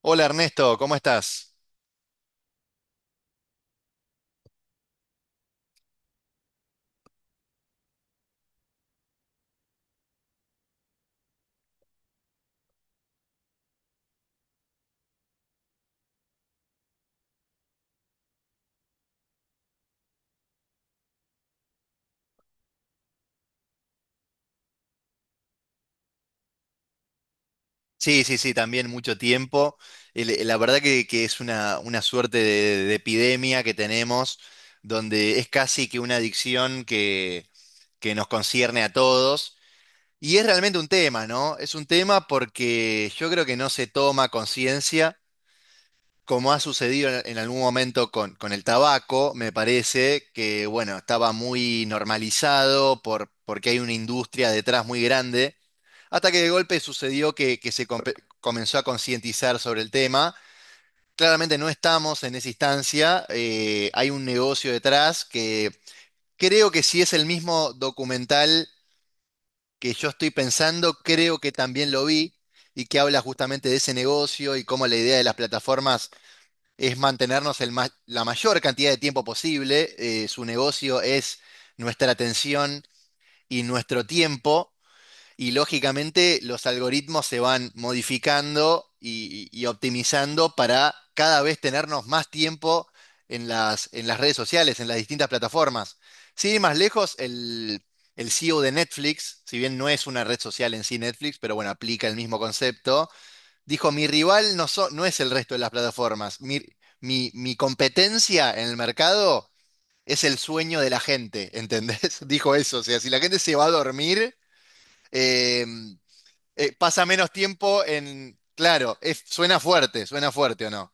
Hola, Ernesto, ¿cómo estás? Sí, sí, sí, también mucho tiempo. La verdad que es una suerte de epidemia que tenemos, donde es casi que una adicción que nos concierne a todos. Y es realmente un tema, ¿no? Es un tema porque yo creo que no se toma conciencia, como ha sucedido en algún momento con el tabaco, me parece, que bueno, estaba muy normalizado porque hay una industria detrás muy grande. Hasta que de golpe sucedió que comenzó a concientizar sobre el tema. Claramente no estamos en esa instancia. Hay un negocio detrás que, creo que si es el mismo documental que yo estoy pensando, creo que también lo vi, y que habla justamente de ese negocio y cómo la idea de las plataformas es mantenernos la mayor cantidad de tiempo posible. Su negocio es nuestra atención y nuestro tiempo. Y lógicamente los algoritmos se van modificando y optimizando para cada vez tenernos más tiempo en las redes sociales, en las distintas plataformas. Sin ir más lejos, el CEO de Netflix, si bien no es una red social en sí Netflix, pero bueno, aplica el mismo concepto, dijo: mi rival no es el resto de las plataformas, mi competencia en el mercado es el sueño de la gente, ¿entendés? Dijo eso, o sea, si la gente se va a dormir... eh, pasa menos tiempo en... Claro, suena fuerte o no.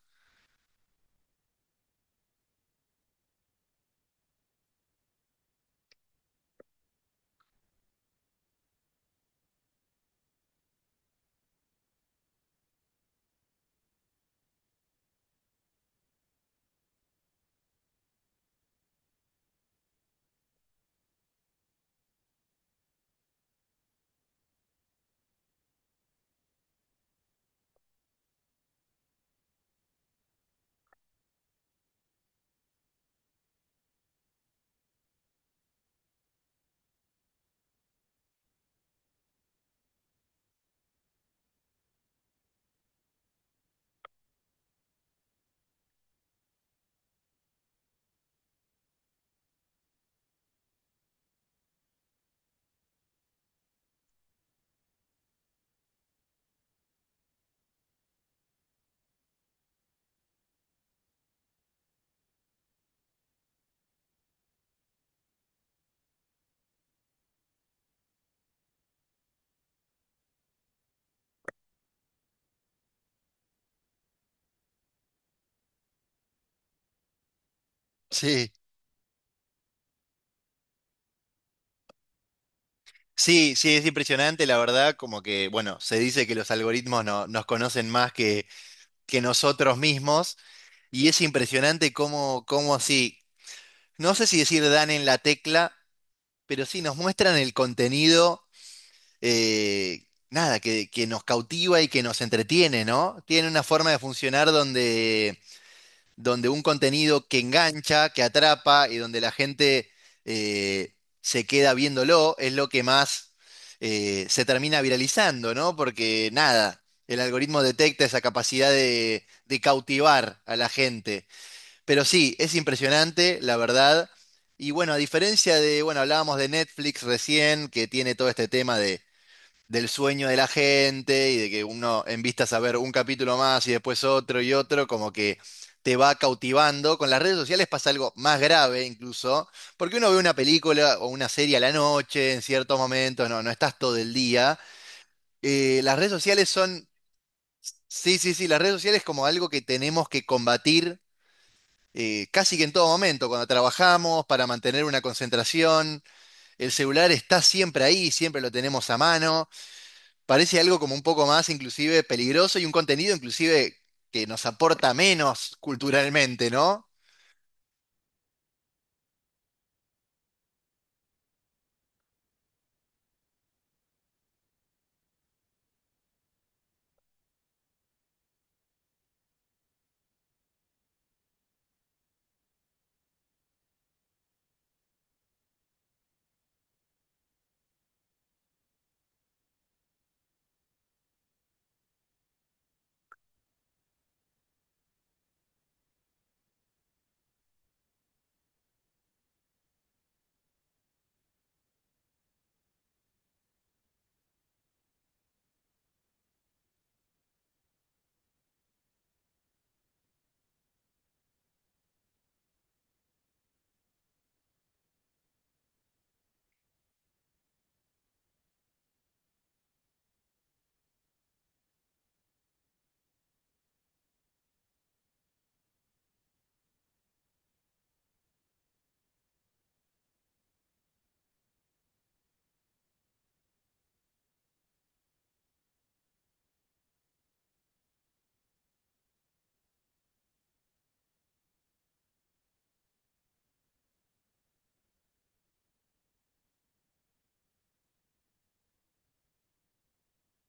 Sí, sí, sí, es impresionante, la verdad, como que, bueno, se dice que los algoritmos nos conocen más que nosotros mismos, y es impresionante cómo, cómo así, no sé si decir dan en la tecla, pero sí nos muestran el contenido. Eh, nada, que, que nos cautiva y que nos entretiene, ¿no? Tiene una forma de funcionar donde... donde un contenido que engancha, que atrapa y donde la gente eh, se queda viéndolo es lo que más se termina viralizando, ¿no? Porque nada, el algoritmo detecta esa capacidad de cautivar a la gente. Pero sí, es impresionante, la verdad. Y bueno, a diferencia de, bueno, hablábamos de Netflix recién, que tiene todo este tema de del sueño de la gente y de que uno en vistas a ver un capítulo más y después otro y otro, como que te va cautivando. Con las redes sociales pasa algo más grave incluso, porque uno ve una película o una serie a la noche en ciertos momentos, no estás todo el día. Las redes sociales son, Sí, sí, sí, las redes sociales como algo que tenemos que combatir. Casi que en todo momento, cuando trabajamos, para mantener una concentración, el celular está siempre ahí, siempre lo tenemos a mano. Parece algo como un poco más inclusive peligroso y un contenido inclusive que nos aporta menos culturalmente, ¿no?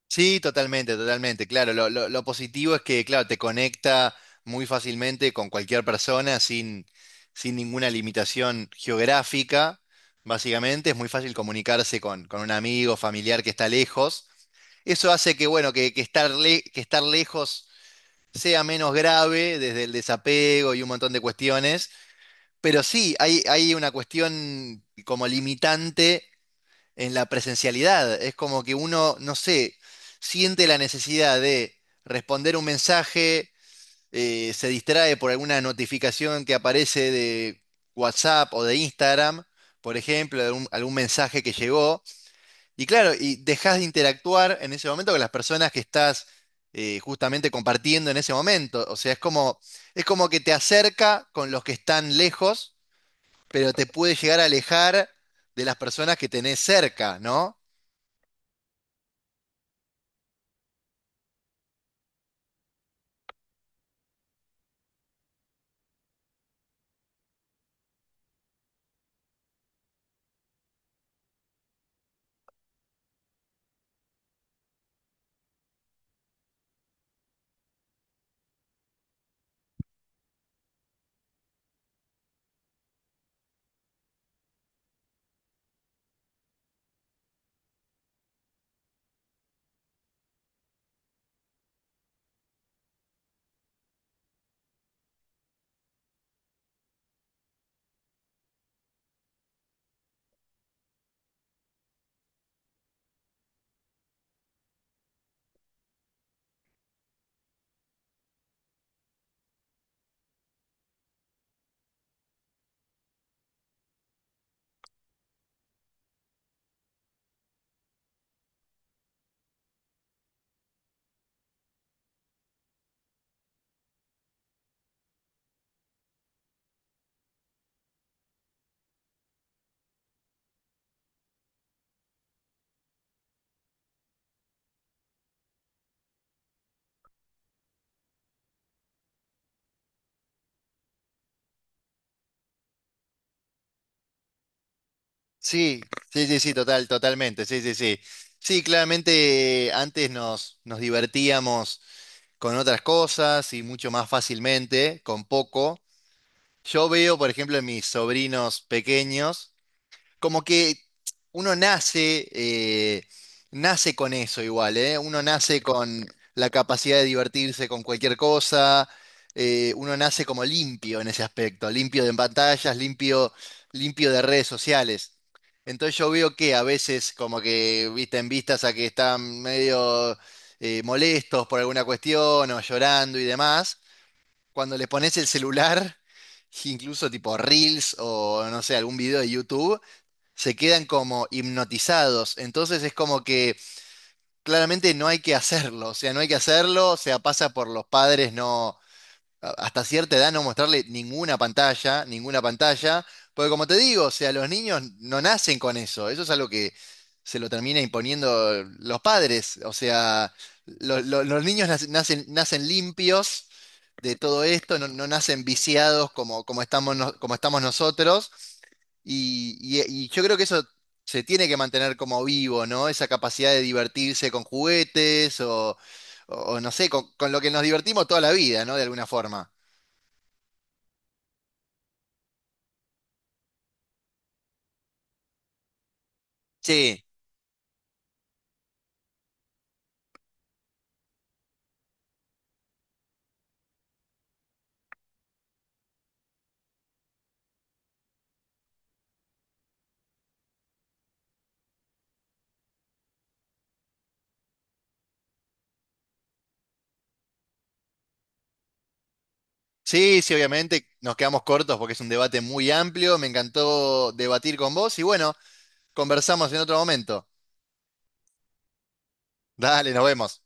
Sí, totalmente, totalmente. Claro, lo positivo es que, claro, te conecta muy fácilmente con cualquier persona sin ninguna limitación geográfica, básicamente. Es muy fácil comunicarse con un amigo, familiar que está lejos. Eso hace que, bueno, que que estar lejos sea menos grave desde el desapego y un montón de cuestiones. Pero sí, hay una cuestión como limitante en la presencialidad. Es como que uno, no sé, siente la necesidad de responder un mensaje. Se distrae por alguna notificación que aparece de WhatsApp o de Instagram, por ejemplo, de algún mensaje que llegó. Y claro, y dejas de interactuar en ese momento con las personas que estás justamente compartiendo en ese momento. O sea, es como que te acerca con los que están lejos, pero te puede llegar a alejar de las personas que tenés cerca, ¿no? Sí, sí, sí, sí, total, totalmente, sí, sí, sí. Sí, claramente, antes nos divertíamos con otras cosas y mucho más fácilmente, con poco. Yo veo, por ejemplo, en mis sobrinos pequeños, como que uno nace, nace con eso igual, ¿eh? Uno nace con la capacidad de divertirse con cualquier cosa. Uno nace como limpio en ese aspecto, limpio de pantallas, limpio, limpio de redes sociales. Entonces yo veo que a veces como que, viste, en vistas a que están medio molestos por alguna cuestión o llorando y demás, cuando le pones el celular, incluso tipo Reels o no sé, algún video de YouTube, se quedan como hipnotizados. Entonces es como que claramente no hay que hacerlo, o sea, no hay que hacerlo, o sea, pasa por los padres, no, a- hasta cierta edad no mostrarle ninguna pantalla, porque como te digo, o sea, los niños no nacen con eso, eso es algo que se lo termina imponiendo los padres, o sea, los niños nacen, nacen limpios de todo esto, no nacen viciados como, como estamos, como estamos nosotros, y yo creo que eso... se tiene que mantener como vivo, ¿no? Esa capacidad de divertirse con juguetes o no sé, con lo que nos divertimos toda la vida, ¿no? De alguna forma. Sí, sí, sí, obviamente nos quedamos cortos porque es un debate muy amplio. Me encantó debatir con vos y bueno, conversamos en otro momento. Dale, nos vemos.